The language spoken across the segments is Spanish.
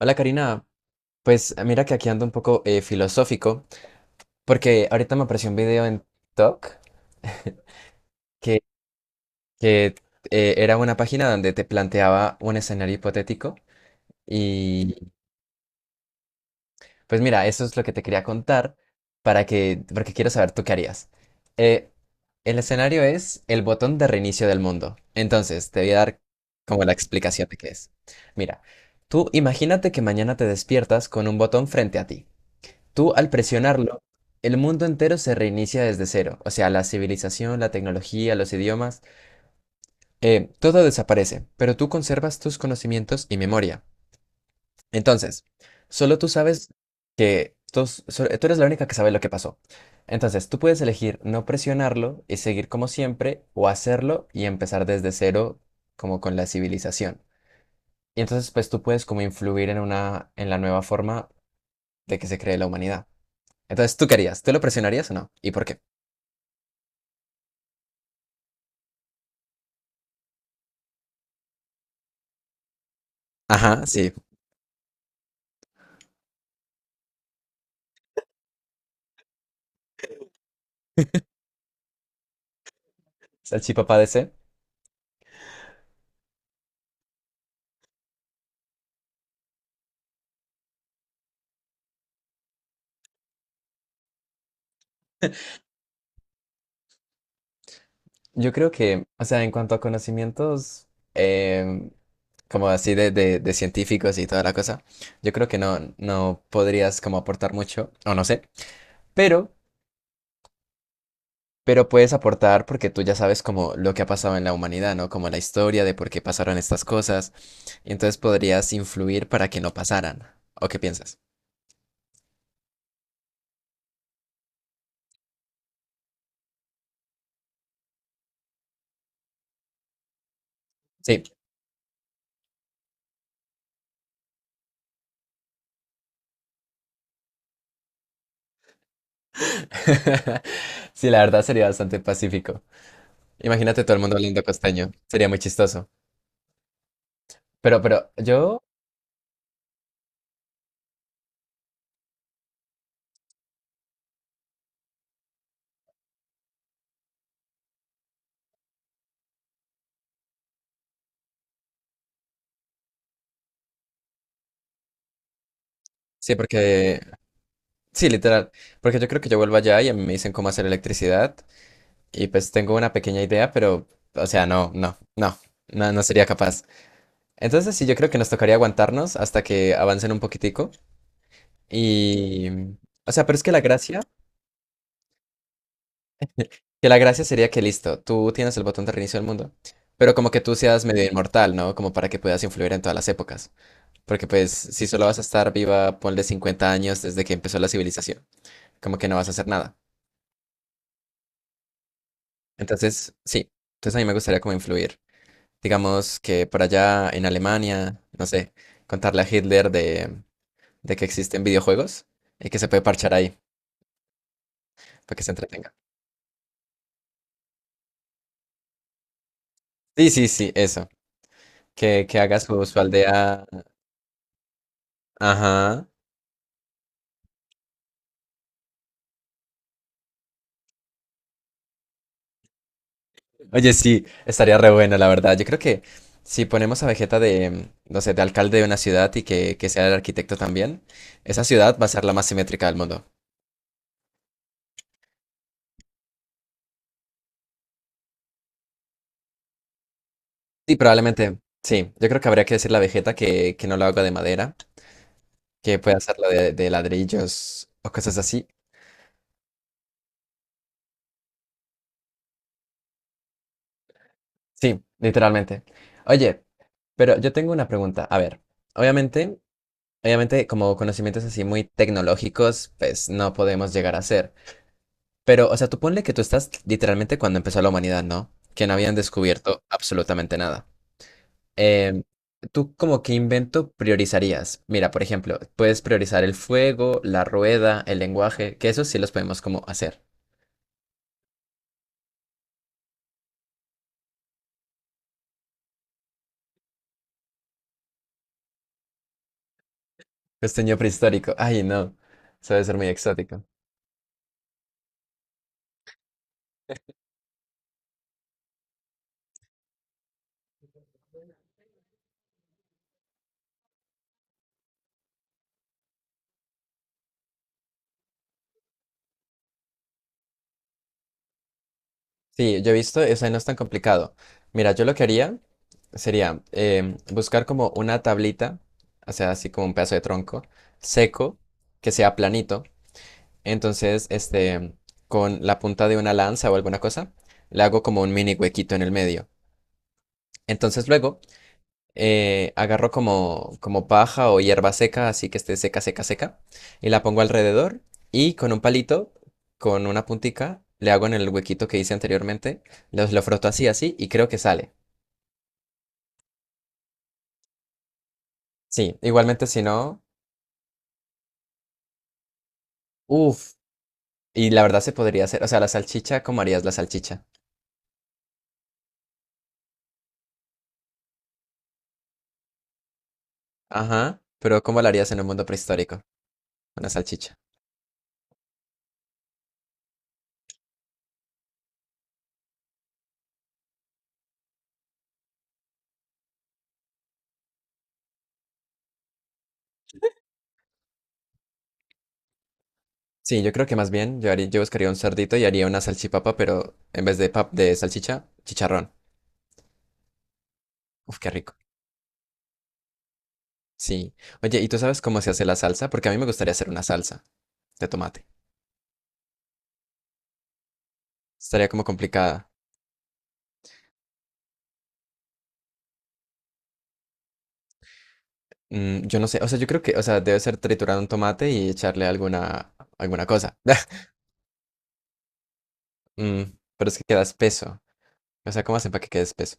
Hola Karina, pues mira que aquí ando un poco filosófico, porque ahorita me apareció un video en TikTok que, que era una página donde te planteaba un escenario hipotético. Y pues mira, eso es lo que te quería contar porque quiero saber tú qué harías. Eh, el escenario es el botón de reinicio del mundo. Entonces te voy a dar como la explicación de qué es. Mira, tú imagínate que mañana te despiertas con un botón frente a ti. Tú al presionarlo, el mundo entero se reinicia desde cero. O sea, la civilización, la tecnología, los idiomas, todo desaparece, pero tú conservas tus conocimientos y memoria. Entonces, solo tú sabes que tú eres la única que sabe lo que pasó. Entonces, tú puedes elegir no presionarlo y seguir como siempre, o hacerlo y empezar desde cero, como con la civilización. Y entonces, pues tú puedes como influir en la nueva forma de que se cree la humanidad. Entonces, ¿tú querías? ¿Tú lo presionarías o no? ¿Y por qué? Ajá, sí. Salchipapa DC. Yo creo que, o sea, en cuanto a conocimientos, em, como así de científicos y toda la cosa, yo creo que no, no podrías como aportar mucho, o no sé, pero, pero puedes aportar porque tú ya sabes como lo que ha pasado en la humanidad, ¿no? Como la historia de por qué pasaron estas cosas, y entonces podrías influir para que no pasaran. ¿O qué piensas? Sí. Sí, la verdad sería bastante pacífico. Imagínate todo el mundo hablando costeño. Sería muy chistoso. Pero yo, sí, porque, sí, literal, porque yo creo que yo vuelvo allá y a mí me dicen cómo hacer electricidad y pues tengo una pequeña idea, pero, o sea, no, no, no, no, no sería capaz. Entonces sí, yo creo que nos tocaría aguantarnos hasta que avancen un poquitico. Y, o sea, pero es que que la gracia sería que listo, tú tienes el botón de reinicio del mundo, pero como que tú seas medio inmortal, ¿no? Como para que puedas influir en todas las épocas, porque pues si solo vas a estar viva, ponle 50 años desde que empezó la civilización, como que no vas a hacer nada. Entonces, sí, entonces a mí me gustaría como influir. Digamos que por allá en Alemania, no sé, contarle a Hitler de que existen videojuegos y que se puede parchar ahí para que se entretenga. Sí, sí, sí, eso. Que haga su aldea. Ajá. Oye, sí, estaría re bueno, la verdad. Yo creo que si ponemos a Vegeta de, no sé, de alcalde de una ciudad y que sea el arquitecto también, esa ciudad va a ser la más simétrica del mundo. Sí, probablemente. Sí, yo creo que habría que decirle a Vegeta que no lo haga de madera, que puede hacerlo de ladrillos o cosas así. Sí, literalmente. Oye, pero yo tengo una pregunta. A ver, obviamente, obviamente, como conocimientos así muy tecnológicos, pues no podemos llegar a ser. Pero, o sea, tú ponle que tú estás literalmente cuando empezó la humanidad, ¿no? Que no habían descubierto absolutamente nada. Em, ¿Tú como qué invento priorizarías? Mira, por ejemplo, puedes priorizar el fuego, la rueda, el lenguaje, que eso sí los podemos como hacer. Costeño prehistórico. Ay, no. Eso debe ser muy exótico. Sí, yo he visto, o sea, no es tan complicado. Mira, yo lo que haría sería buscar como una tablita, o sea, así como un pedazo de tronco seco, que sea planito. Entonces, este, con la punta de una lanza o alguna cosa, le hago como un mini huequito en el medio. Entonces, luego agarro como paja o hierba seca, así que esté seca, seca, seca, y la pongo alrededor. Y con un palito, con una puntica, le hago en el huequito que hice anteriormente, lo froto así, así, y creo que sale. Sí, igualmente si no, uff, y la verdad se podría hacer, o sea, la salchicha, ¿cómo harías la salchicha? Ajá, pero ¿cómo la harías en un mundo prehistórico? Una salchicha. Sí, yo creo que más bien yo, haría, yo buscaría un cerdito y haría una salchipapa, pero en vez de, pap de salchicha, chicharrón. Uf, qué rico. Sí. Oye, ¿y tú sabes cómo se hace la salsa? Porque a mí me gustaría hacer una salsa de tomate. Estaría como complicada. Yo no sé. O sea, yo creo que, o sea, debe ser triturar un tomate y echarle alguna cosa. Mm, pero es que queda espeso. O sea, ¿cómo hacen para que quede espeso?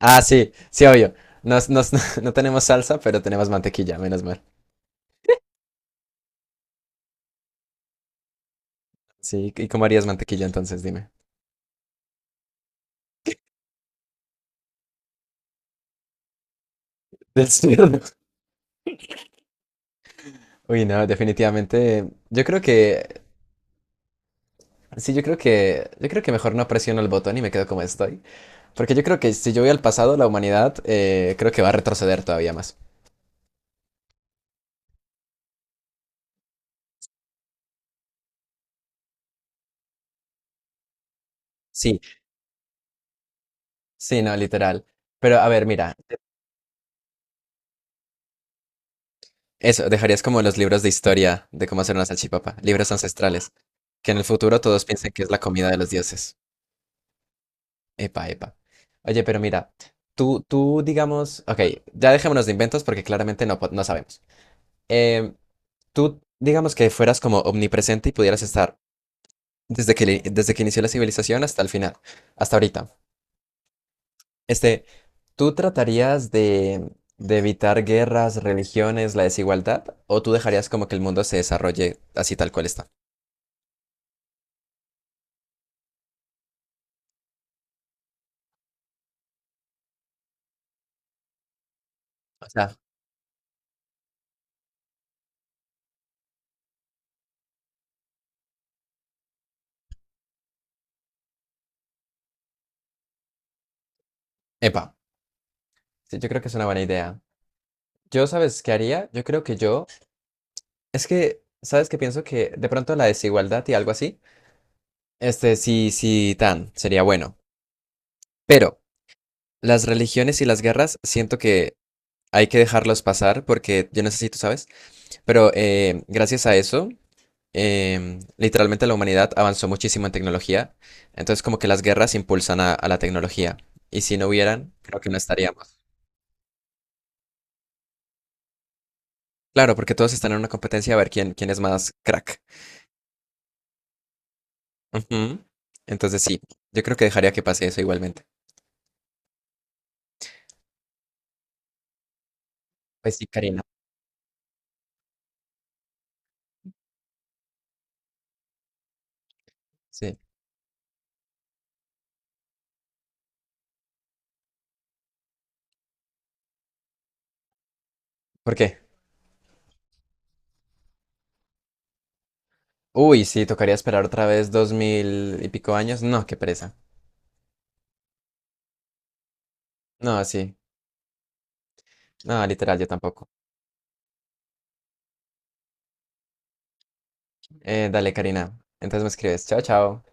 Ah, sí, sí, obvio. Nos, nos- no tenemos salsa, pero tenemos mantequilla, menos mal. Sí, ¿y cómo harías mantequilla entonces? Dime. Del cerdo. Uy, no, definitivamente. Yo creo que sí, yo creo que mejor no presiono el botón y me quedo como estoy. Porque yo creo que si yo voy al pasado, la humanidad, creo que va a retroceder todavía más. Sí, sí, no, literal. Pero a ver, mira, eso, dejarías como los libros de historia de cómo hacer una salchipapa, libros ancestrales, que en el futuro todos piensen que es la comida de los dioses. Epa, epa. Oye, pero mira, tú, digamos, ok, ya dejémonos de inventos porque claramente no, no sabemos. Em, Tú, digamos que fueras como omnipresente y pudieras estar desde que, desde que inició la civilización hasta el final, hasta ahorita. Este, ¿tú tratarías de evitar guerras, religiones, la desigualdad? ¿O tú dejarías como que el mundo se desarrolle así tal cual está? O sea, epa, sí, yo creo que es una buena idea. Yo, ¿sabes qué haría? Yo creo que yo, es que, ¿sabes qué pienso? Que de pronto la desigualdad y algo así, este, sí, sí, sería bueno. Pero las religiones y las guerras, siento que hay que dejarlos pasar porque yo necesito, ¿sabes? Pero gracias a eso, literalmente la humanidad avanzó muchísimo en tecnología. Entonces, como que las guerras impulsan a la tecnología. Y si no hubieran, creo que no estaríamos. Claro, porque todos están en una competencia a ver quién es más crack. Ujú. Entonces, sí, yo creo que dejaría que pase eso igualmente. Pues sí, Karina. Sí. ¿Por qué? Uy, sí, tocaría esperar otra vez 2000 y pico años. No, qué pereza. No, sí. No, literal, yo tampoco. Dale, Karina. Entonces me escribes. Chao, chao.